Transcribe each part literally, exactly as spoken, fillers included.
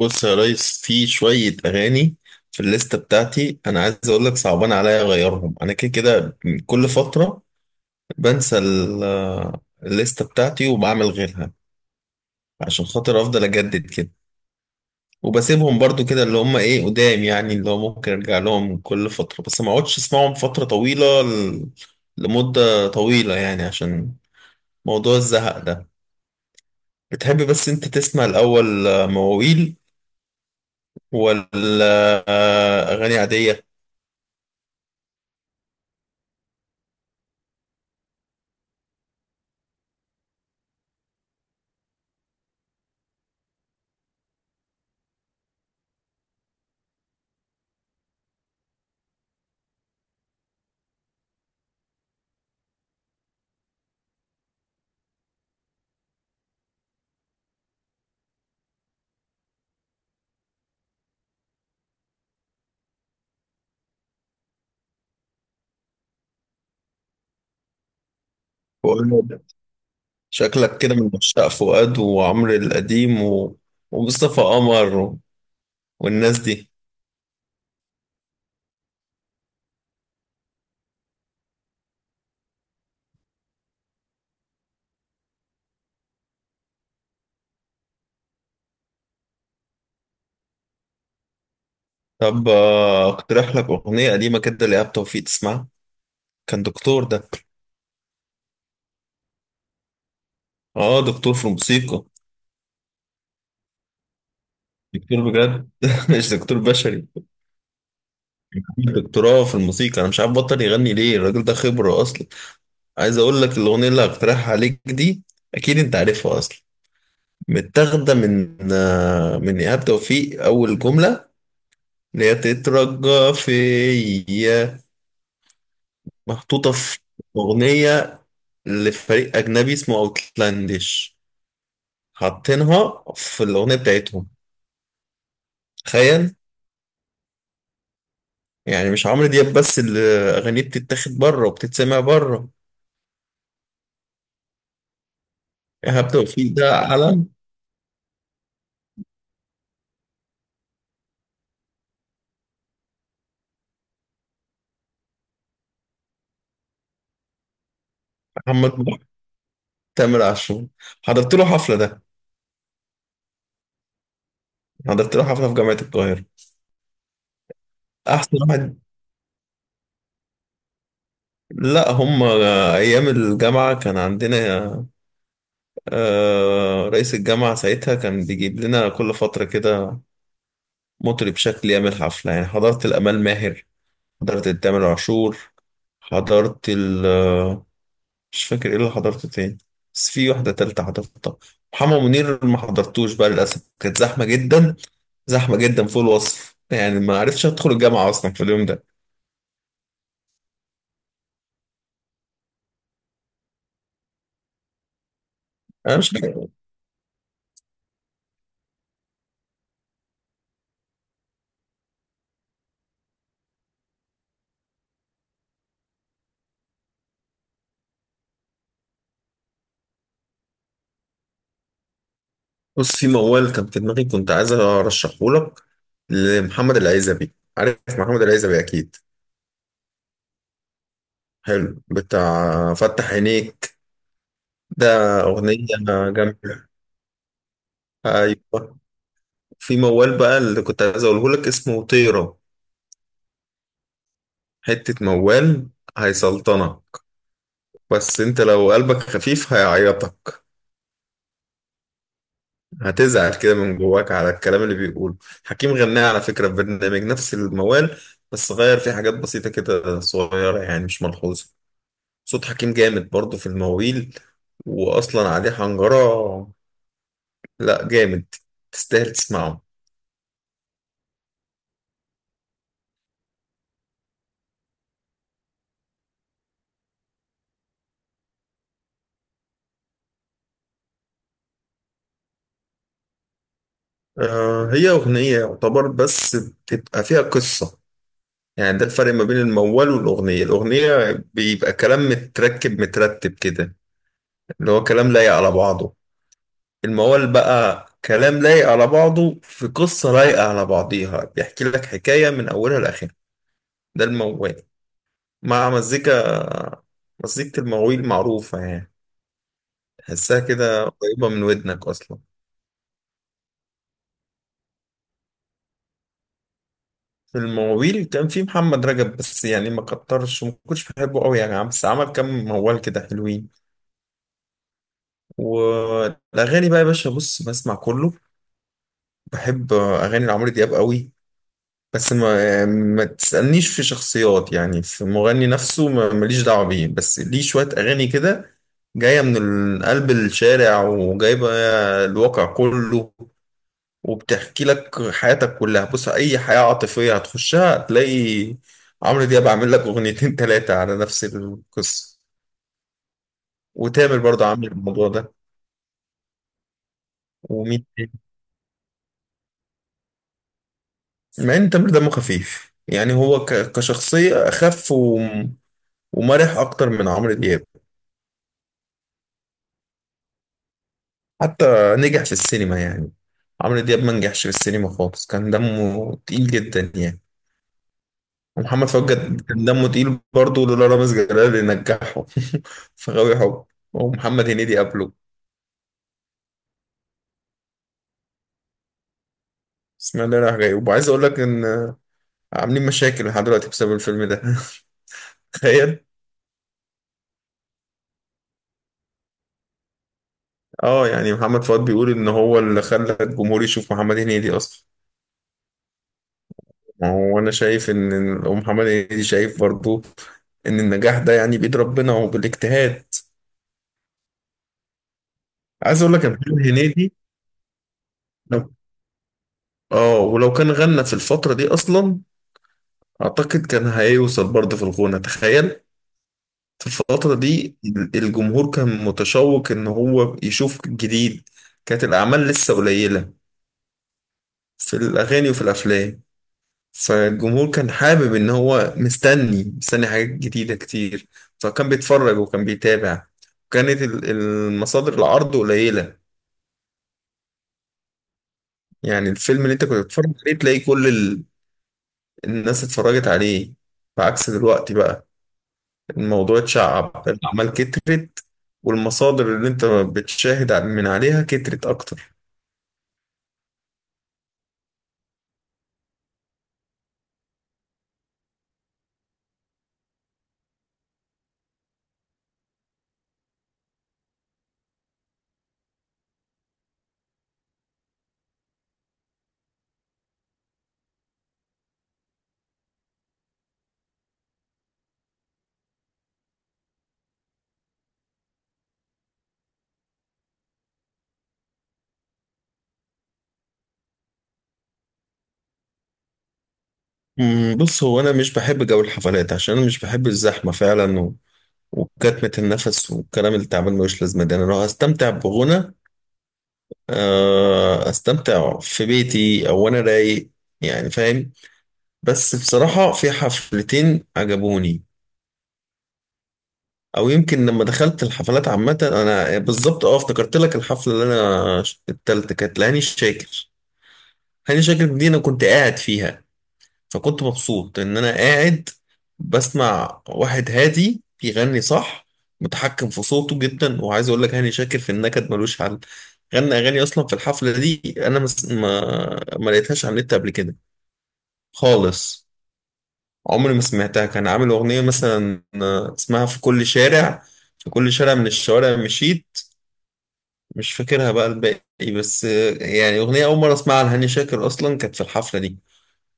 بص يا ريس، في شوية أغاني في الليستة بتاعتي. أنا عايز أقول لك صعبان عليا أغيرهم، أنا كده كده كل فترة بنسى ال- آه، الليستة بتاعتي وبعمل غيرها عشان خاطر أفضل أجدد كده، وبسيبهم برضو كده اللي هم إيه قدام، يعني اللي هو ممكن أرجع لهم كل فترة بس ما أقعدش أسمعهم فترة طويلة ل- لمدة طويلة يعني، عشان موضوع الزهق ده. بتحب بس أنت تسمع الأول مواويل ولا آه، أغاني عادية؟ شكلك كده من عشاق فؤاد وعمرو القديم و... ومصطفى قمر و... والناس دي. طب آه، اقترح لك أغنية قديمة كده لإيهاب توفيق تسمعها، كان دكتور ده. اه، دكتور في الموسيقى، دكتور بجد مش دكتور بشري، دكتوراه في الموسيقى. انا مش عارف بطل يغني ليه الراجل ده، خبرة اصلا. عايز اقول لك الأغنية اللي هقترحها عليك دي اكيد انت عارفها اصلا. متاخدة من آه، من إيهاب توفيق، اول جملة اللي هي تترجى فيا محطوطة في أغنية لفريق أجنبي اسمه أوتلانديش، حاطينها في الأغنية بتاعتهم. تخيل، يعني مش عمرو دياب بس اللي أغانيه بتتاخد بره وبتتسمع بره. إيهاب توفيق ده علم. محمد محب، تامر عاشور، حضرت له حفلة ده. حضرت له حفلة في جامعة القاهرة. أحسن واحد. لا، هم أيام الجامعة كان عندنا آه، رئيس الجامعة ساعتها كان بيجيب لنا كل فترة كده مطرب شكل يعمل حفلة، يعني حضرت الأمال ماهر، حضرت التامر عاشور، حضرت ال مش فاكر ايه اللي حضرته تاني، بس في واحدة تالتة حضرتها. محمد منير ما حضرتوش بقى للأسف، كانت زحمة جدا، زحمة جدا فوق الوصف يعني، ما عرفتش أدخل الجامعة أصلا في اليوم ده. أنا مش عارف. بص، في موال كان في دماغي كنت عايز أرشحه لك لمحمد العزبي، عارف محمد العزبي أكيد، حلو بتاع فتح عينيك ده، أغنية جامدة. أيوة، في موال بقى اللي كنت عايز أقوله لك اسمه طيرة، حتة موال هيسلطنك، بس انت لو قلبك خفيف هيعيطك، هتزعل كده من جواك على الكلام اللي بيقوله. حكيم غناه على فكرة في برنامج نفس الموال، بس غير فيه حاجات بسيطة كده صغيرة يعني مش ملحوظة. صوت حكيم جامد برضه في المواويل، وأصلا عليه حنجرة، لا جامد، تستاهل تسمعه. آه، هي أغنية يعتبر بس بتبقى فيها قصة، يعني ده الفرق ما بين الموال والأغنية. الأغنية بيبقى كلام متركب مترتب كده، اللي هو كلام لايق على بعضه. الموال بقى كلام لايق على بعضه في قصة لايقة على بعضيها، بيحكي لك حكاية من أولها لآخرها. ده الموال، مع مزيكا، مزيكة المواويل معروفة يعني، تحسها كده قريبة من ودنك أصلا. في المواويل كان في محمد رجب، بس يعني ما كترش وما كنتش بحبه قوي يعني، بس عمل كام موال كده حلوين. والأغاني بقى يا باشا، بص بسمع كله، بحب أغاني لعمرو دياب قوي، بس ما ما تسألنيش في شخصيات يعني، في مغني نفسه ما- ماليش دعوة بيه، بس ليه شوية أغاني كده جاية من ال- قلب الشارع وجايبة الواقع كله، وبتحكي لك حياتك كلها. بص، أي حياة عاطفية هتخشها هتلاقي عمرو دياب عامل لك أغنيتين تلاتة على نفس القصة، وتامر برضه عامل الموضوع ده. ومين تاني؟ مع إن تامر دمه خفيف يعني، هو ك- كشخصية أخف وم- ومرح أكتر من عمرو دياب، حتى نجح في السينما يعني. عمرو دياب ما نجحش في السينما خالص، كان دمه تقيل جدا يعني. ومحمد فؤاد جد- كان دمه تقيل برضه، لولا رامز جلال اللي نجحه في غاوي حب، ومحمد هنيدي قبله، بسم الله راح جاي. وعايز اقول لك ان عاملين مشاكل لحد دلوقتي بسبب الفيلم ده تخيل. اه، يعني محمد فؤاد بيقول ان هو اللي خلى الجمهور يشوف محمد هنيدي اصلا. ما هو انا شايف ان إن- ومحمد هنيدي شايف برضه ان النجاح ده يعني بيد ربنا وبالاجتهاد. عايز اقول لك يا محمد هنيدي لو، اه، ولو كان غنى في الفترة دي اصلا اعتقد كان هيوصل برضه في الغنى، تخيل. في الفترة دي الجمهور كان متشوق ان هو يشوف جديد، كانت الاعمال لسه قليلة في الاغاني وفي الافلام، فالجمهور كان حابب ان هو مستني مستني حاجات جديدة كتير، فكان بيتفرج وكان بيتابع، وكانت ال- المصادر العرض قليلة، يعني الفيلم اللي انت كنت بتتفرج عليه تلاقي كل الناس اتفرجت عليه، بعكس دلوقتي بقى الموضوع اتشعب، الأعمال كترت، والمصادر اللي انت بتشاهد من عليها كترت أكتر. أمم، بص، هو أنا مش بحب جو الحفلات عشان أنا مش بحب الزحمة فعلا، و... وكتمة النفس والكلام اللي تعبان ملوش لازمة ده. أنا لو هستمتع بغنى آه، أستمتع في بيتي أو أنا رايق، يعني فاهم. بس بصراحة في حفلتين عجبوني، او يمكن لما دخلت الحفلات عامه انا بالظبط، اه افتكرت لك، الحفله اللي انا ش- التالتة كانت لهاني شاكر. هاني شاكر دي انا كنت قاعد فيها، فكنت مبسوط ان انا قاعد بسمع واحد هادي بيغني صح، متحكم في صوته جدا. وعايز اقول لك، هاني شاكر في النكد ملوش حل، غنى اغاني اصلا في الحفله دي انا مس... ما ما لقيتهاش على النت قبل كده خالص، عمري ما سمعتها. كان عامل اغنيه مثلا، آه، اسمها في كل شارع، في كل شارع من الشوارع مشيت، مش فاكرها بقى الباقي، بس آه، يعني أغنية أول مرة أسمعها لهاني شاكر أصلا كانت في الحفلة دي،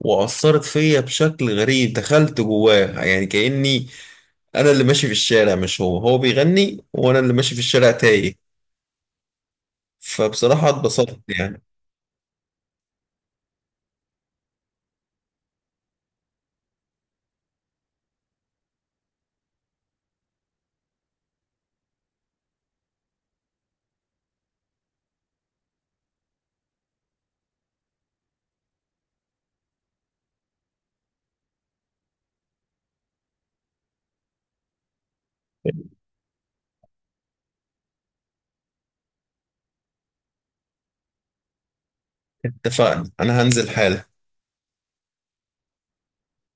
وأثرت فيا بشكل غريب، دخلت جواه يعني، كأني أنا اللي ماشي في الشارع مش هو، هو بيغني وأنا اللي ماشي في الشارع تايه. فبصراحة اتبسطت يعني. اتفقنا، أنا هنزل حالا.